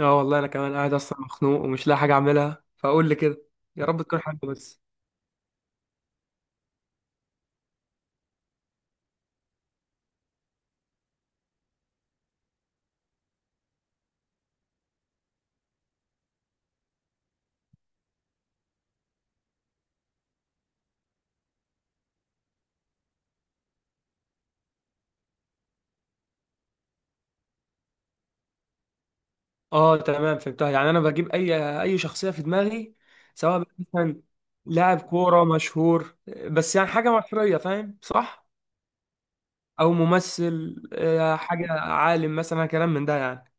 اه، والله انا كمان قاعد اصلا مخنوق ومش لاقي حاجه اعملها فاقول لي كده. يا رب تكون حاجه بس. اه، تمام فهمتها. يعني انا بجيب اي شخصيه في دماغي، سواء بقى مثلا لاعب كوره مشهور، بس يعني حاجه مصريه، فاهم؟ صح؟ او ممثل، حاجه عالم مثلا، كلام من ده يعني.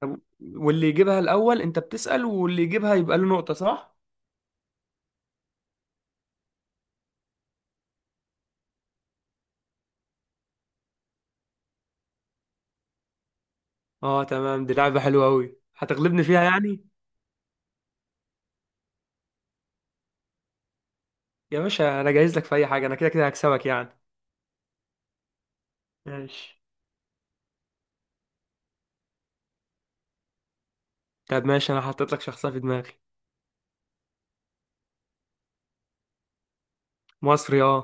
طب، واللي يجيبها الاول انت بتسأل، واللي يجيبها يبقى له نقطه، صح؟ اه، تمام، دي لعبه حلوه قوي، هتغلبني فيها يعني. يا باشا انا جاهز لك في اي حاجه، انا كده كده هكسبك يعني. ماشي. طب ماشي، انا حطيت لك شخصية في دماغي. مصري، اه.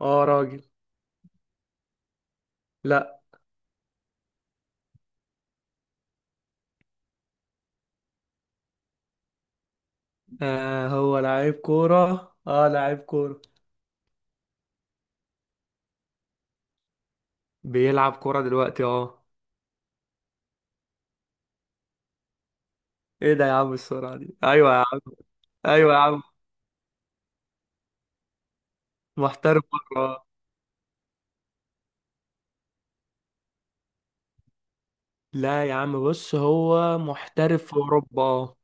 اه، راجل. لا. آه، هو لعيب كورة، اه لعيب كورة. بيلعب كورة دلوقتي، اه. ايه ده يا عم؟ السرعة دي! ايوه يا عم. ايوه يا عم. محترف بره. لا يا عم، بص هو محترف في اوروبا، اه.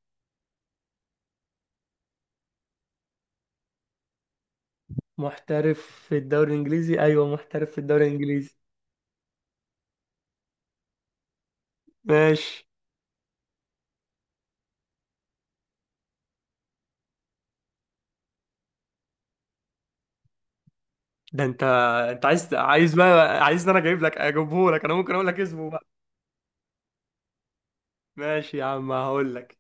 محترف. في الدوري الانجليزي، ايوه محترف في الدوري الانجليزي. ماشي. ده انت. انت عايز بقى عايز انا اجيبه لك. انا ممكن اقول لك اسمه بقى. ماشي يا عم، هقول لك.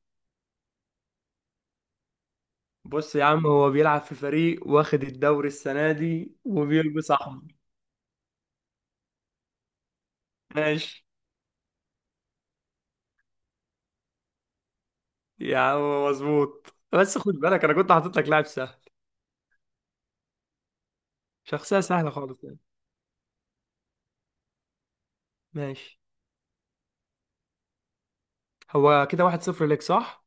بص يا عم، هو بيلعب في فريق واخد الدوري السنة دي وبيلبس أحمر. ماشي يا عم، مظبوط، بس خد بالك أنا كنت حاطط لك لاعب سهل. شخصية سهلة خالص يعني. ماشي. هو كده واحد صفر ليك صح؟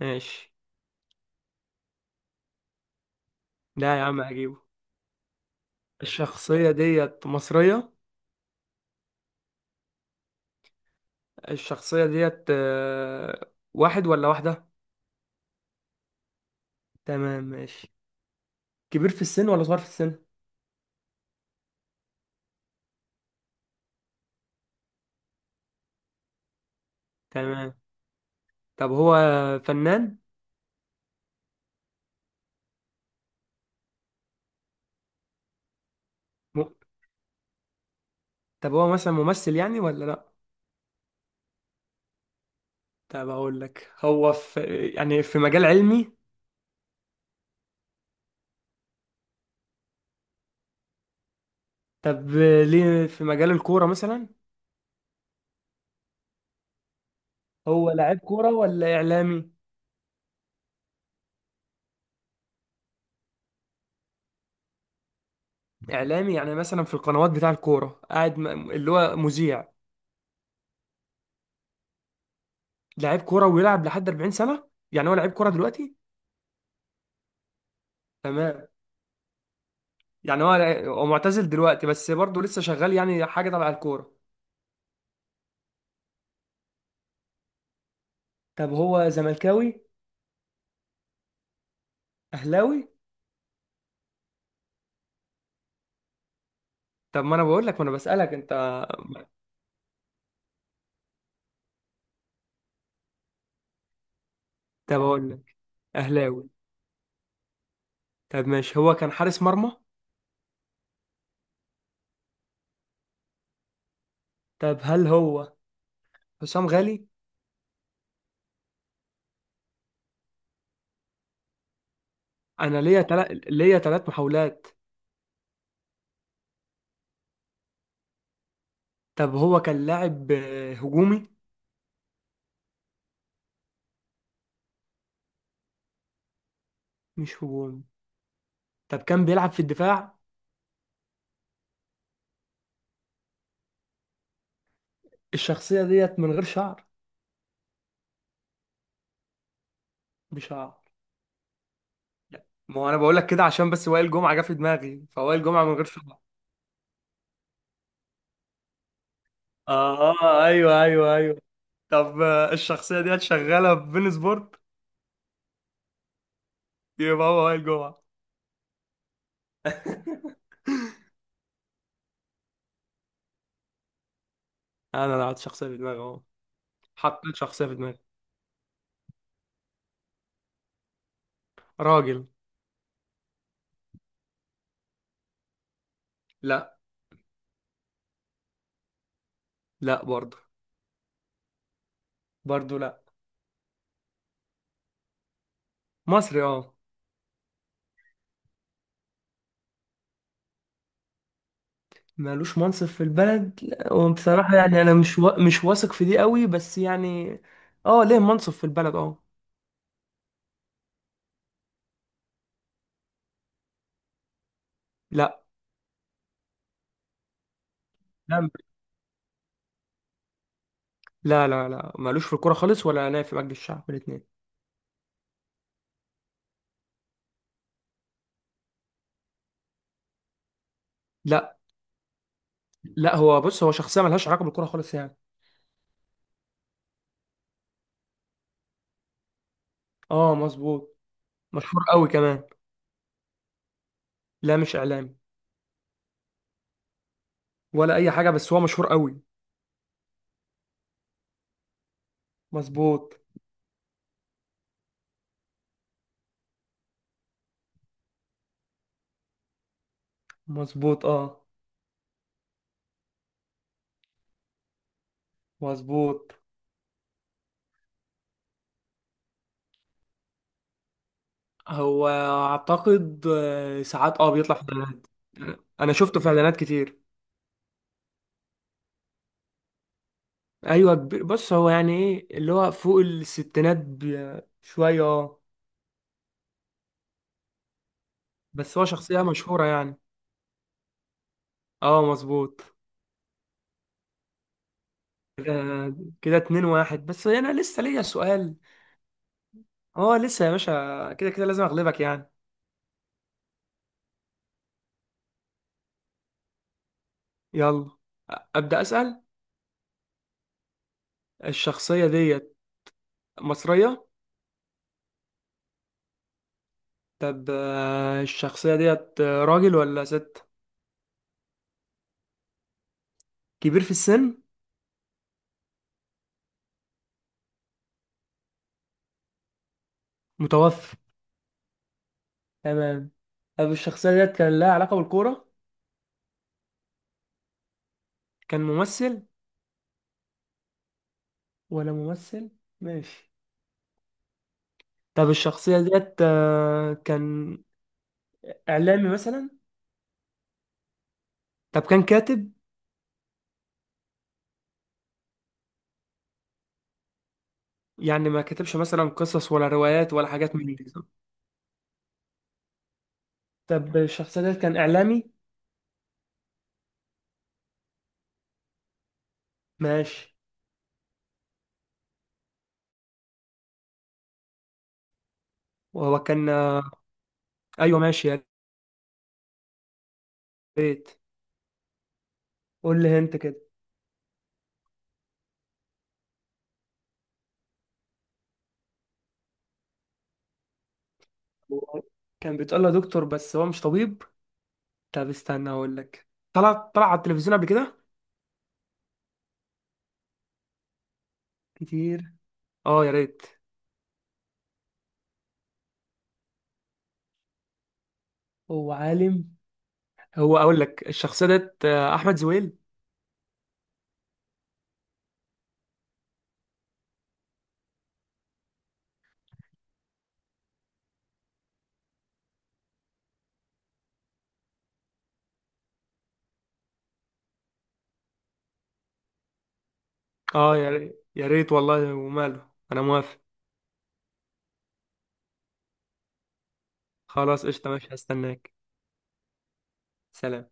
ماشي. لا يا عم، هجيبه. الشخصية ديت مصرية. الشخصية ديت واحد ولا واحدة؟ تمام، ماشي. كبير في السن ولا صغير في السن؟ تمام. طب هو فنان؟ م- طب هو مثلا ممثل يعني ولا لأ؟ طب اقول لك، هو في يعني في مجال علمي؟ طب، ليه في مجال الكورة مثلا؟ هو لاعب كورة ولا اعلامي؟ اعلامي، يعني مثلا في القنوات بتاع الكورة قاعد، اللي هو مذيع؟ لاعب كورة ويلعب لحد 40 سنة؟ يعني هو لاعب كورة دلوقتي؟ تمام. يعني هو معتزل دلوقتي، بس برضه لسه شغال يعني حاجة تبع الكورة. طب هو زملكاوي؟ اهلاوي؟ طب، ما انا بقول لك، ما انا بسألك انت. طب اقول لك. اهلاوي. طب ماشي، هو كان حارس مرمى؟ طب، هل هو حسام غالي؟ انا ليا تلات محاولات. طب هو كان لاعب هجومي؟ مش هجومي. طب كان بيلعب في الدفاع؟ الشخصية ديت من غير شعر؟ بشعر؟ لا، ما هو انا بقول لك كده عشان بس وائل جمعة جه في دماغي، فوائل جمعة من غير شعر. اه، ايوه، ايوه، ايوه. طب، الشخصية ديت شغالة في بين سبورت؟ يبقى هو وائل جمعة. انا لعبت شخصية في دماغي اهو. حطيت شخصية في دماغي. راجل. لا. لا برضه. برضه لا. مصري، اه. مالوش منصب في البلد، لا، وبصراحة يعني أنا مش واثق في دي قوي بس يعني. اه، ليه منصب في البلد، اه. لا. لا، لا، لا، لا، مالوش في الكورة خالص، ولا أنا في مجلس الشعب، الاتنين. لا. لا، هو بص، هو شخصية ملهاش علاقة بالكورة خالص يعني. اه، مظبوط. مشهور قوي كمان. لا، مش إعلامي. ولا أي حاجة، بس هو مشهور قوي. مظبوط. مظبوط، اه. مظبوط. هو أعتقد، ساعات بيطلع في إعلانات. أنا شفته في إعلانات كتير. ايوه كبير، بص هو يعني ايه اللي هو فوق الستينات شويه، اه. بس هو شخصيه مشهوره يعني. اه، مظبوط. كده اتنين واحد، بس انا لسه ليا سؤال. اه، لسه يا باشا كده كده لازم اغلبك يعني. يلا. ابدا اسال. الشخصيه ديت مصريه. طب، الشخصيه ديت راجل ولا ست؟ كبير في السن؟ متوفى؟ تمام. طب الشخصيه ديت كان لها علاقه بالكوره؟ كان ممثل؟ ولا ممثل. ماشي. طب الشخصية ديت كان إعلامي مثلا؟ طب كان كاتب؟ يعني ما كتبش مثلا قصص ولا روايات ولا حاجات من دي صح؟ طب الشخصية ديت كان إعلامي؟ ماشي. وهو كان. أيوه ماشي يا ريت. قول لي أنت كده. هو كان بيتقال له دكتور، بس هو مش طبيب. طب استنى أقول لك، طلع على التلفزيون قبل كده؟ كتير. أه يا ريت. هو عالم؟ هو، أقول لك الشخصية ديت أحمد زويل. أه، يا ريت، يا ريت والله وماله، أنا موافق. خلاص، قشطة، ماشي، هستناك. سلام.